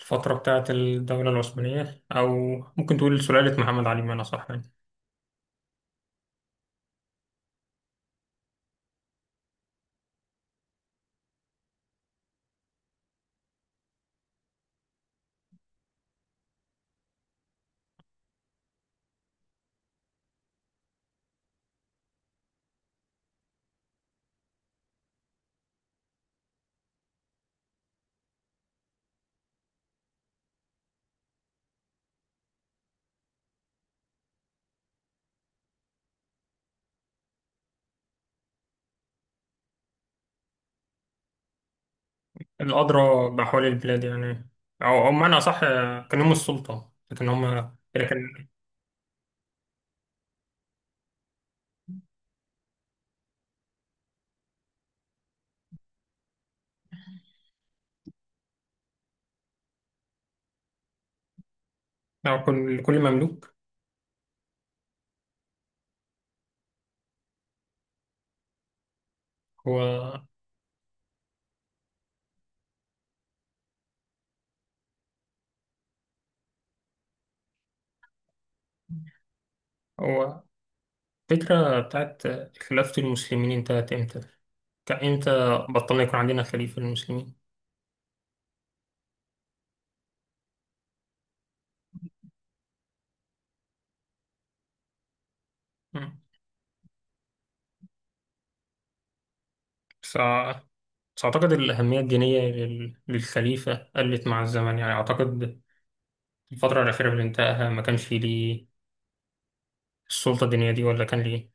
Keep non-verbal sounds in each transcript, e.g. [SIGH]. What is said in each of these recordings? الفترة بتاعت الدولة العثمانية، أو ممكن تقول سلالة محمد علي، بمعنى صح يعني. الأدرى بأحوال البلاد يعني. أو بمعنى صح. كان هم السلطة لكن هم لكن. أو كل مملوك. هو هو. الفكرة بتاعت خلافة المسلمين انتهت إمتى؟ كإمتى؟ بطلنا يكون عندنا خليفة للمسلمين؟ مم. بس أع- بس أعتقد الأهمية الدينية للخليفة قلت مع الزمن، يعني أعتقد الفترة الأخيرة اللي انتهاها ما كانش ليه السلطة الدينية دي، ولا كان ليه؟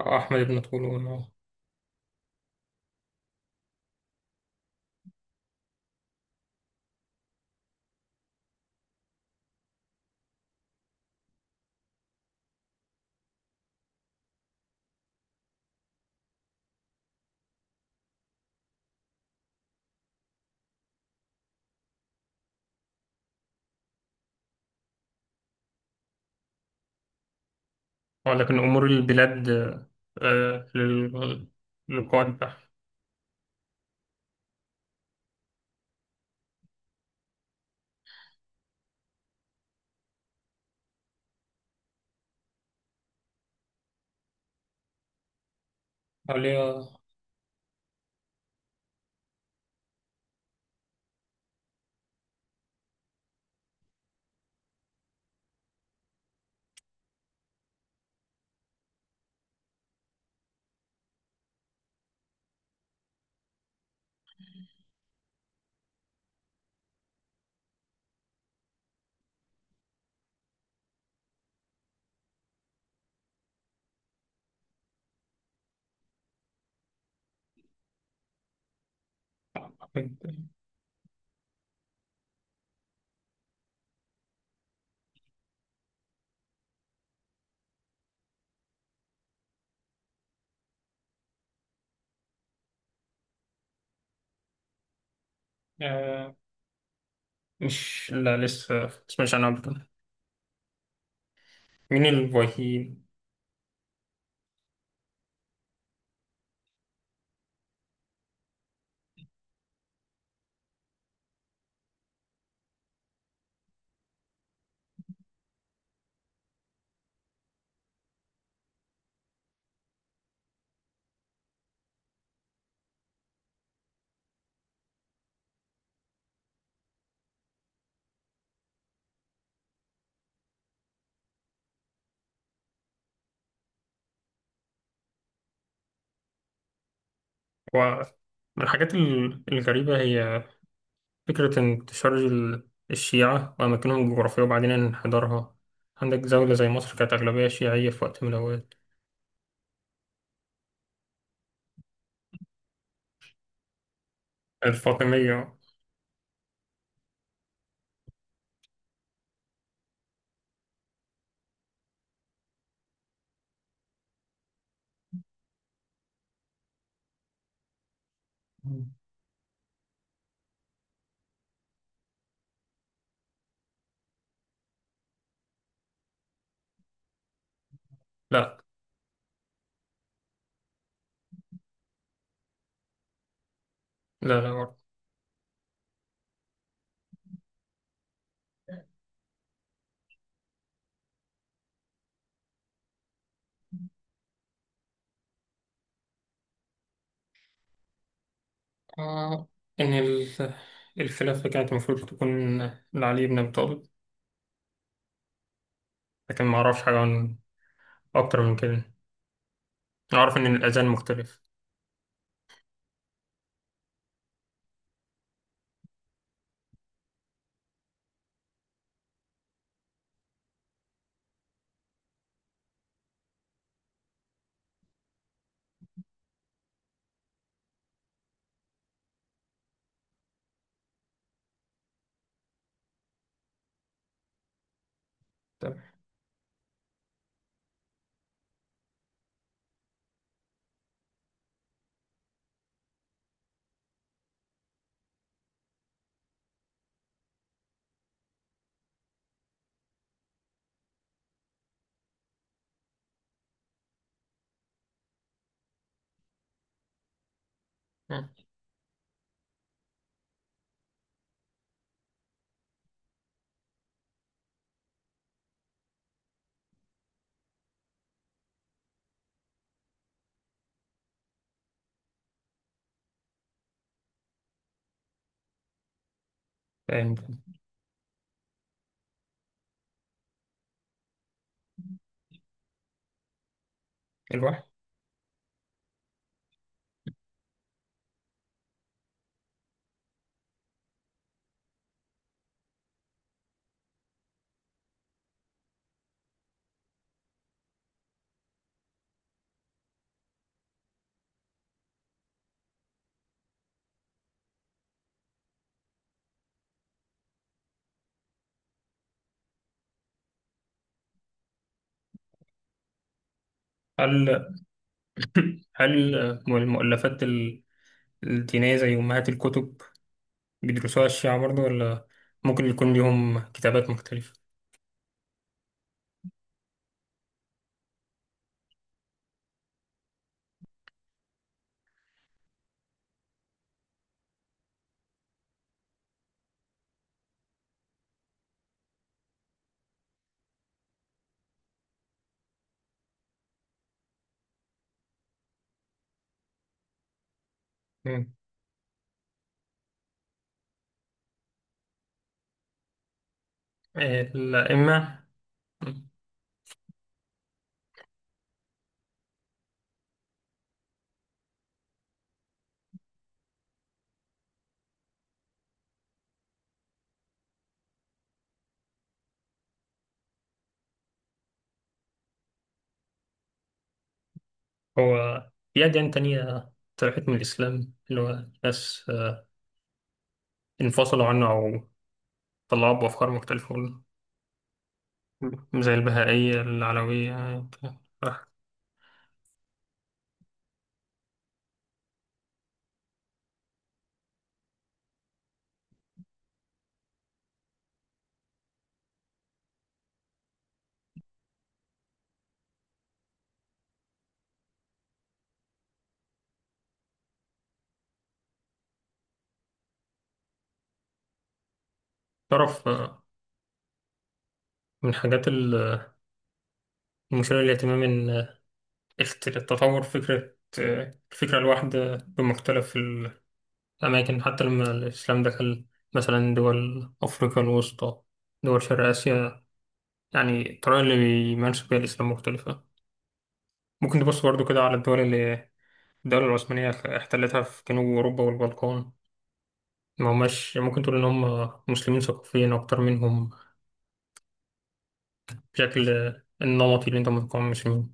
أو أحمد بن طولون، أه. لكن أمور البلاد. آه، لل- للقائد ده. عليا. أحمد. آه، مش، لا لسه. مش أنا أبدا. مين الفايكين؟ هو من الحاجات الغريبة، هي فكرة انتشار الشيعة وأماكنهم الجغرافية وبعدين انحدارها. عندك زولة زي مصر كانت أغلبية شيعية في وقت من الأوقات. الفاطمية. لا لا لا. آه، إن الخلافة كانت المفروض تكون لعلي بن أبي طالب، لكن ما أعرفش حاجة عن أكتر من كده. أعرف إن الأذان مختلف. تمام. آه، فاهم. الواحد. هل هل المؤلفات الدينية زي أمهات الكتب بيدرسوها الشيعة برضه، ولا ممكن يكون ليهم كتابات مختلفة؟ مم. الأئمة. هو في أديان تانية طلعت من الإسلام، اللي هو ناس انفصلوا عنه، أو طلعوا بأفكار مختلفة. زي البهائية، العلوية. تعرف. من حاجات المثيرة للاهتمام، إن تطور فكرة آه، الفكرة الواحدة بمختلف الأماكن، حتى لما الإسلام دخل مثلا دول أفريقيا الوسطى، دول شرق آسيا، يعني الطريقة اللي بيمارسوا بيها الإسلام مختلفة. ممكن تبص برضو كده على الدول اللي الدولة العثمانية احتلتها في جنوب أوروبا والبلقان، ما هماش، ممكن تقول إن هم مسلمين ثقافيين أكتر منهم، بشكل النمطي اللي انت متقمص منه.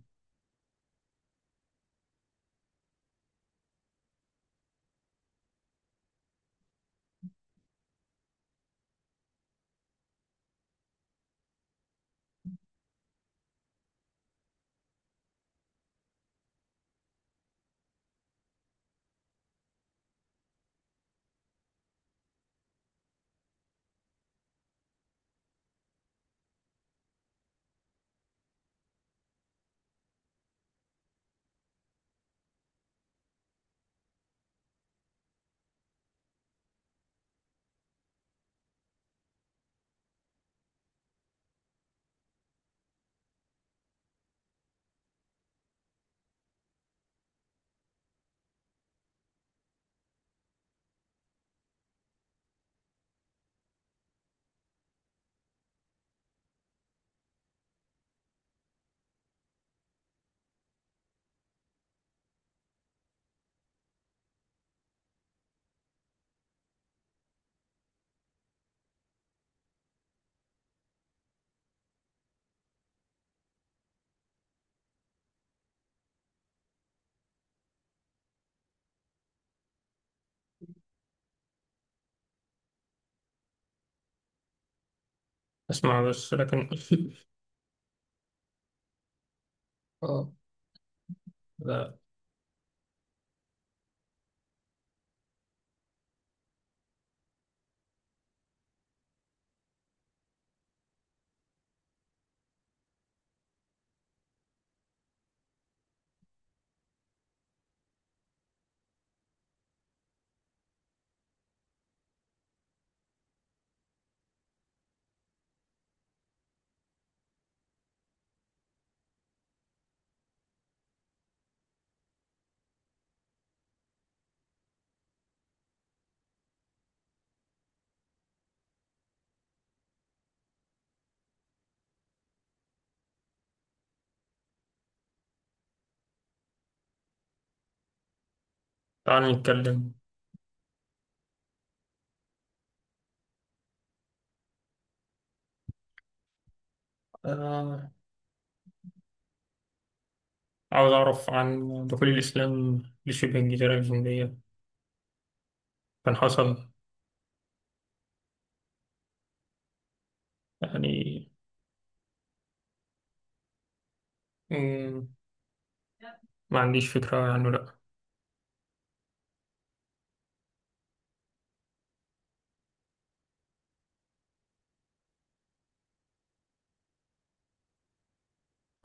اسمع بس لكن. [LAUGHS] اه. لا. تعال نتكلم. آه. عاوز اعرف عن دخول الاسلام لشبه الجزيرة الهندية. كان حصل؟ يعني. مم، ما عنديش فكرة عنه، لا.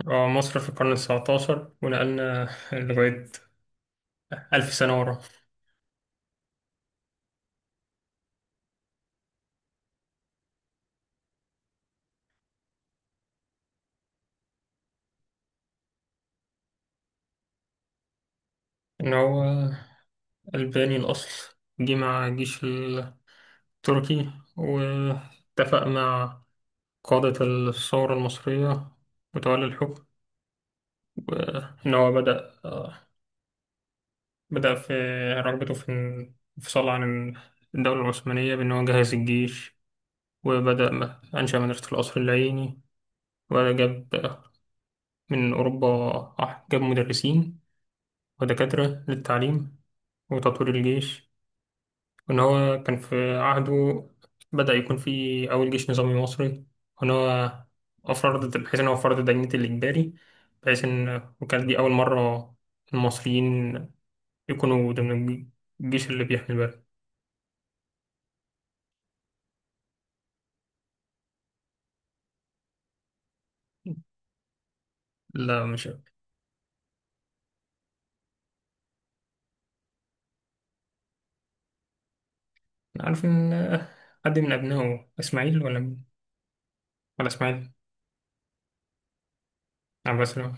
مصر في القرن التسعتاشر، ونقلنا [LAUGHS] لغاية ألف سنة ورا. إن هو ألباني الأصل، جه مع الجيش التركي، واتفق مع قادة الثورة المصرية وتولي الحكم. وإن هو بدأ في رغبته في الانفصال عن الدولة العثمانية، بأن هو جهز الجيش، وبدأ أنشأ مدرسة القصر العيني، وجاب من أوروبا، جاب مدرسين ودكاترة للتعليم وتطوير الجيش. وإن هو كان في عهده بدأ يكون في أول جيش نظامي مصري. وإن هو أفرض، بحيث إن هو فرض دينة الإجباري، بحيث إن وكانت دي أول مرة المصريين يكونوا ضمن الجيش اللي بيحمي البلد. لا مش أنا. عارف إن حد من أبنائه، إسماعيل ولا مين؟ ولا إسماعيل، عباس لا.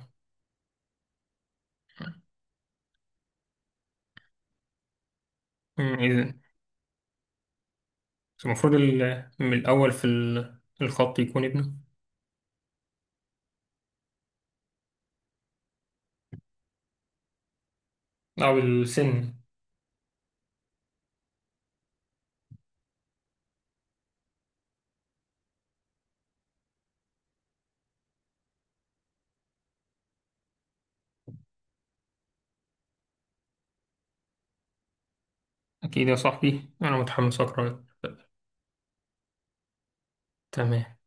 أمم، إذن المفروض من الأول في الخط يكون ابنه. أو السن. أكيد يا صاحبي، أنا متحمس أقرأ. تمام